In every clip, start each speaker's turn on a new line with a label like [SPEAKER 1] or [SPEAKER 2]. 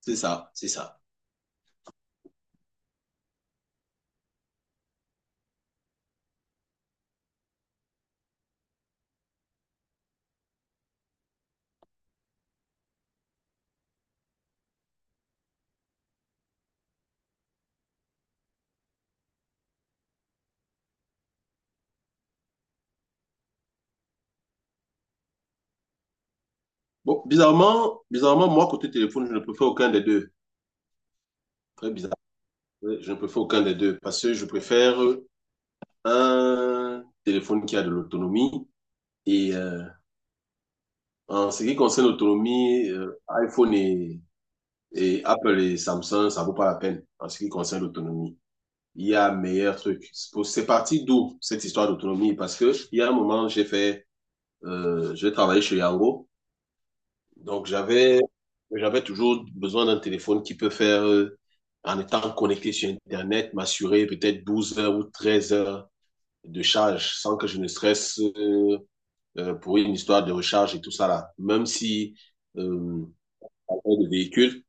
[SPEAKER 1] C'est ça, c'est ça. Bon, bizarrement, bizarrement, moi, côté téléphone, je ne préfère aucun des deux. Très bizarre. Ouais, je ne préfère aucun des deux parce que je préfère un téléphone qui a de l'autonomie. Et en ce qui concerne l'autonomie, iPhone et Apple et Samsung, ça vaut pas la peine en ce qui concerne l'autonomie. Il y a meilleur truc. C'est parti d'où cette histoire d'autonomie? Parce que il y a un moment, j'ai fait je travaillais chez Yango. Donc, j'avais toujours besoin d'un téléphone qui peut faire, en étant connecté sur Internet, m'assurer peut-être 12 heures ou 13 heures de charge sans que je ne stresse pour une histoire de recharge et tout ça là. Même si euh, on a des véhicules,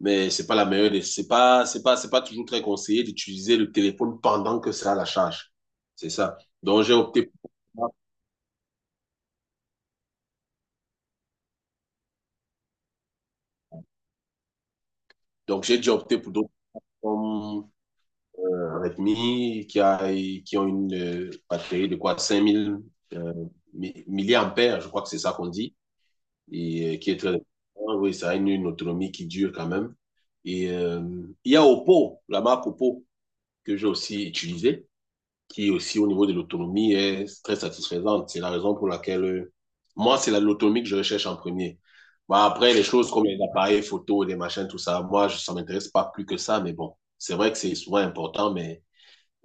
[SPEAKER 1] mais c'est pas la meilleure des, c'est pas toujours très conseillé d'utiliser le téléphone pendant que c'est à la charge. C'est ça. Donc, j'ai opté pour, donc j'ai dû opter pour d'autres rythmie qui ont une batterie de quoi 5000 euh, milliampères, je crois que c'est ça qu'on dit, et qui est très important. Oui, ça a une autonomie qui dure quand même. Et il y a Oppo, la marque Oppo, que j'ai aussi utilisée, qui aussi au niveau de l'autonomie est très satisfaisante. C'est la raison pour laquelle moi, c'est l'autonomie que je recherche en premier. Bon, après, les choses comme les appareils photo, les machins, tout ça, moi, ça ne m'intéresse pas plus que ça, mais bon, c'est vrai que c'est souvent important, mais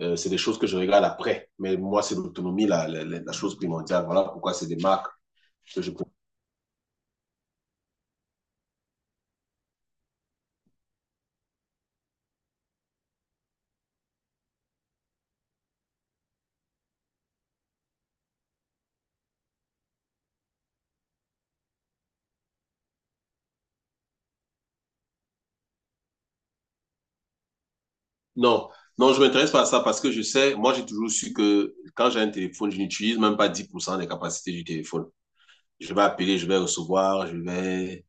[SPEAKER 1] c'est des choses que je regarde après. Mais moi, c'est l'autonomie, chose primordiale. Voilà pourquoi c'est des marques que je... Non, non, je ne m'intéresse pas à ça parce que je sais, moi, j'ai toujours su que quand j'ai un téléphone, je n'utilise même pas 10% des capacités du téléphone. Je vais appeler, je vais recevoir, je vais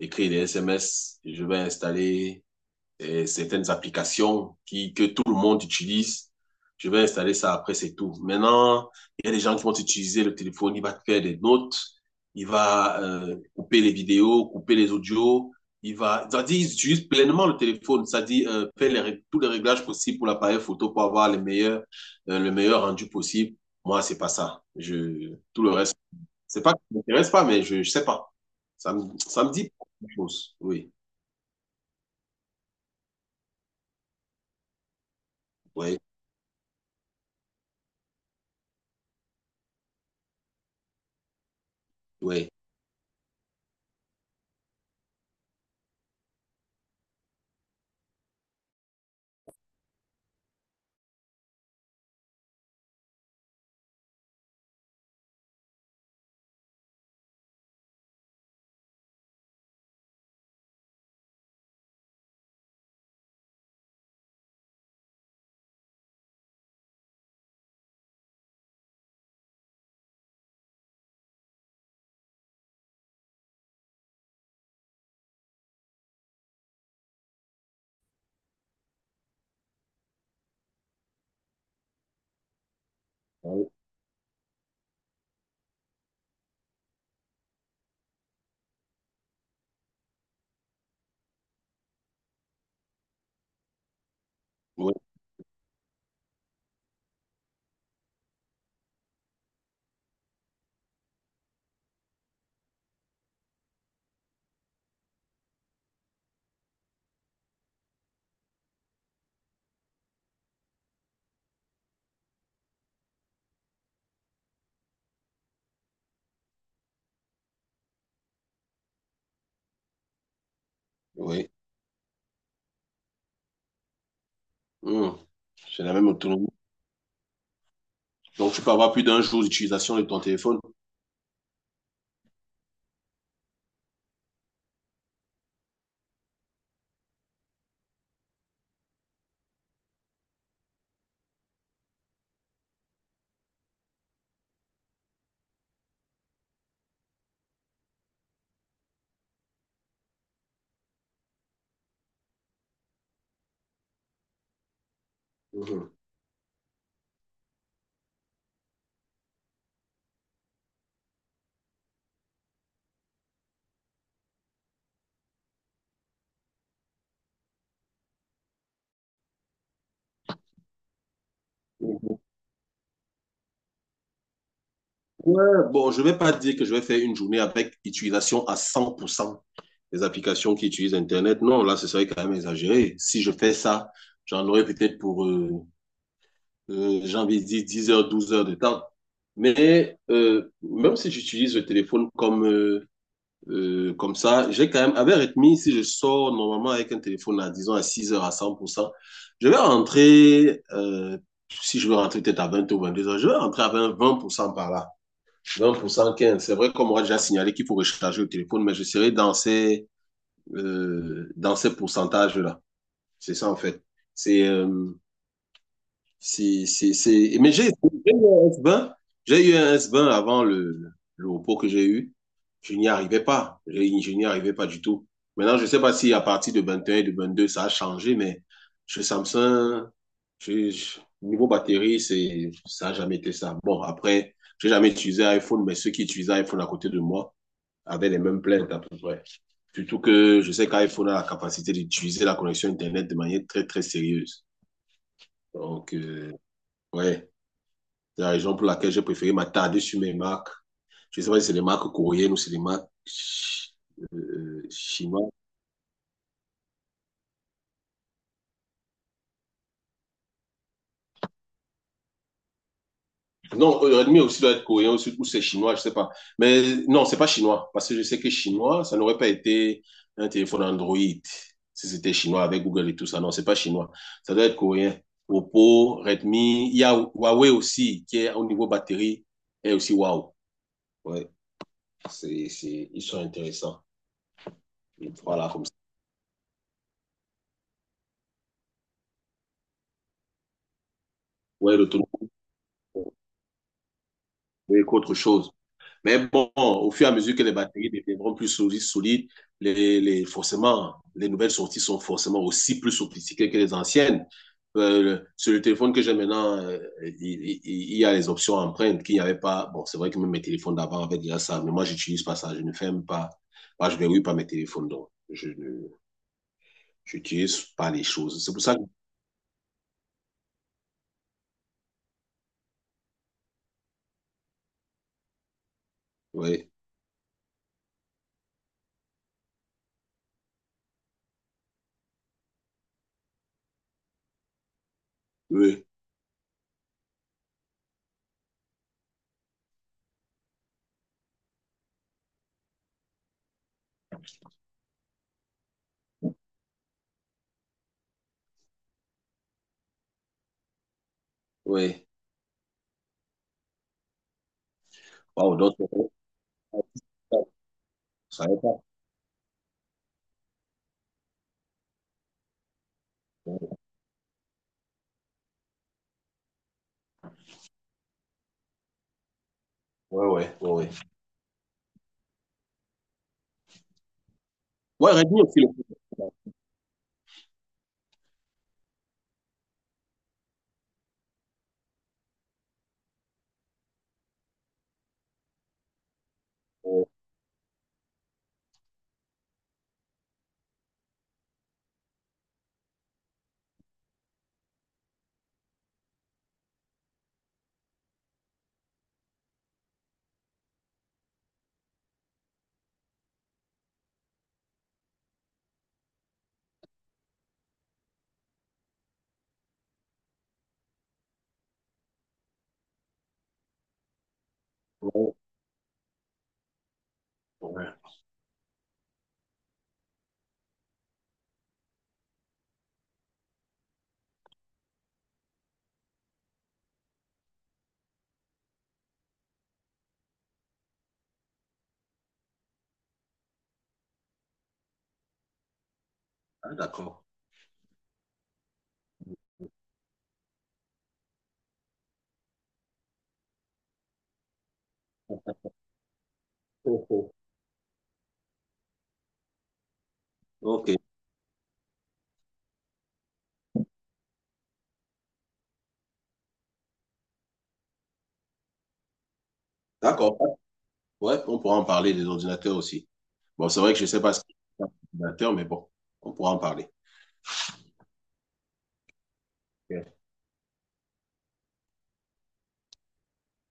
[SPEAKER 1] écrire des SMS, je vais installer et certaines applications que tout le monde utilise. Je vais installer ça après, c'est tout. Maintenant, il y a des gens qui vont utiliser le téléphone, il va te faire des notes, il va couper les vidéos, couper les audios, il va, ça dit, ils utilisent pleinement le téléphone, ça dit, faire tous les réglages possibles pour l'appareil photo pour avoir le meilleur rendu possible. Moi, c'est pas ça. Tout le reste, c'est pas que ça m'intéresse pas, mais je sais pas. Ça me, ça me dit quelque chose. Oui, oui, oui. Oui. Oui, Mmh. C'est la même autonomie. Donc, tu peux avoir plus d'un jour d'utilisation de ton téléphone. Mhm. Ouais, bon, je ne vais pas dire que je vais faire une journée avec utilisation à 100% des applications qui utilisent Internet. Non, là, ce serait quand même exagéré. Si je fais ça, j'en aurais peut-être pour, j'ai envie de dire, 10 heures, 12 heures de temps. Mais même si j'utilise le téléphone comme ça, j'ai quand même, avec Redmi, si je sors normalement avec un téléphone à, disons, à 6 heures, à 100%, je vais rentrer, si je veux rentrer peut-être à 20 ou 22 heures, je vais rentrer à 20, 20% par là. 20%, 15%. C'est vrai qu'on m'aura déjà signalé qu'il faut recharger le téléphone, mais je serai dans ces pourcentages-là. C'est ça, en fait. C'est, c'est... Mais j'ai eu un S20. J'ai eu un S20 avant le repos que j'ai eu. Je n'y arrivais pas. Je n'y arrivais pas du tout. Maintenant, je ne sais pas si à partir de 21 et un et de 22, ça a changé, mais chez Samsung, niveau batterie, ça n'a jamais été ça. Bon, après, j'ai jamais utilisé iPhone, mais ceux qui utilisaient iPhone à côté de moi avaient les mêmes plaintes à peu près. Surtout que je sais qu'iPhone a la capacité d'utiliser la connexion Internet de manière très, très sérieuse. Donc, ouais. C'est la raison pour laquelle j'ai préféré m'attarder sur mes marques. Je ne sais pas si c'est des marques coréennes ou c'est des marques chinoises. Non, Redmi aussi doit être coréen ou c'est chinois, je ne sais pas. Mais non, c'est pas chinois, parce que je sais que chinois, ça n'aurait pas été un téléphone Android si c'était chinois avec Google et tout ça. Non, c'est pas chinois. Ça doit être coréen. Oppo, Redmi, il y a Huawei aussi, qui est au niveau batterie, et aussi wow. Ouais, ils sont intéressants. Voilà, comme ça. Ouais, l'autonomie, c'est autre chose. Mais bon, au fur et à mesure que les batteries deviendront plus solides, forcément, les nouvelles sorties sont forcément aussi plus sophistiquées que les anciennes. Sur le téléphone que j'ai maintenant, il y a les options empreintes qu'il n'y avait pas. Bon, c'est vrai que même mes téléphones d'avant avaient déjà ça, mais moi, j'utilise pas ça. Je ne ferme pas. Moi, je verrouille pas mes téléphones, donc je ne j'utilise pas les choses. C'est pour ça que. Oui, oui, oui. Wow, donc, ça va pas. Ouais, ouais, ouais. Ouais, réduire aussi le. Ouais, ouais. Ah, d'accord. Oh, oh. Ok, d'accord. Ouais, on pourra en parler des ordinateurs aussi. Bon, c'est vrai que je sais pas ce qu'il y a mais bon, on pourra en parler.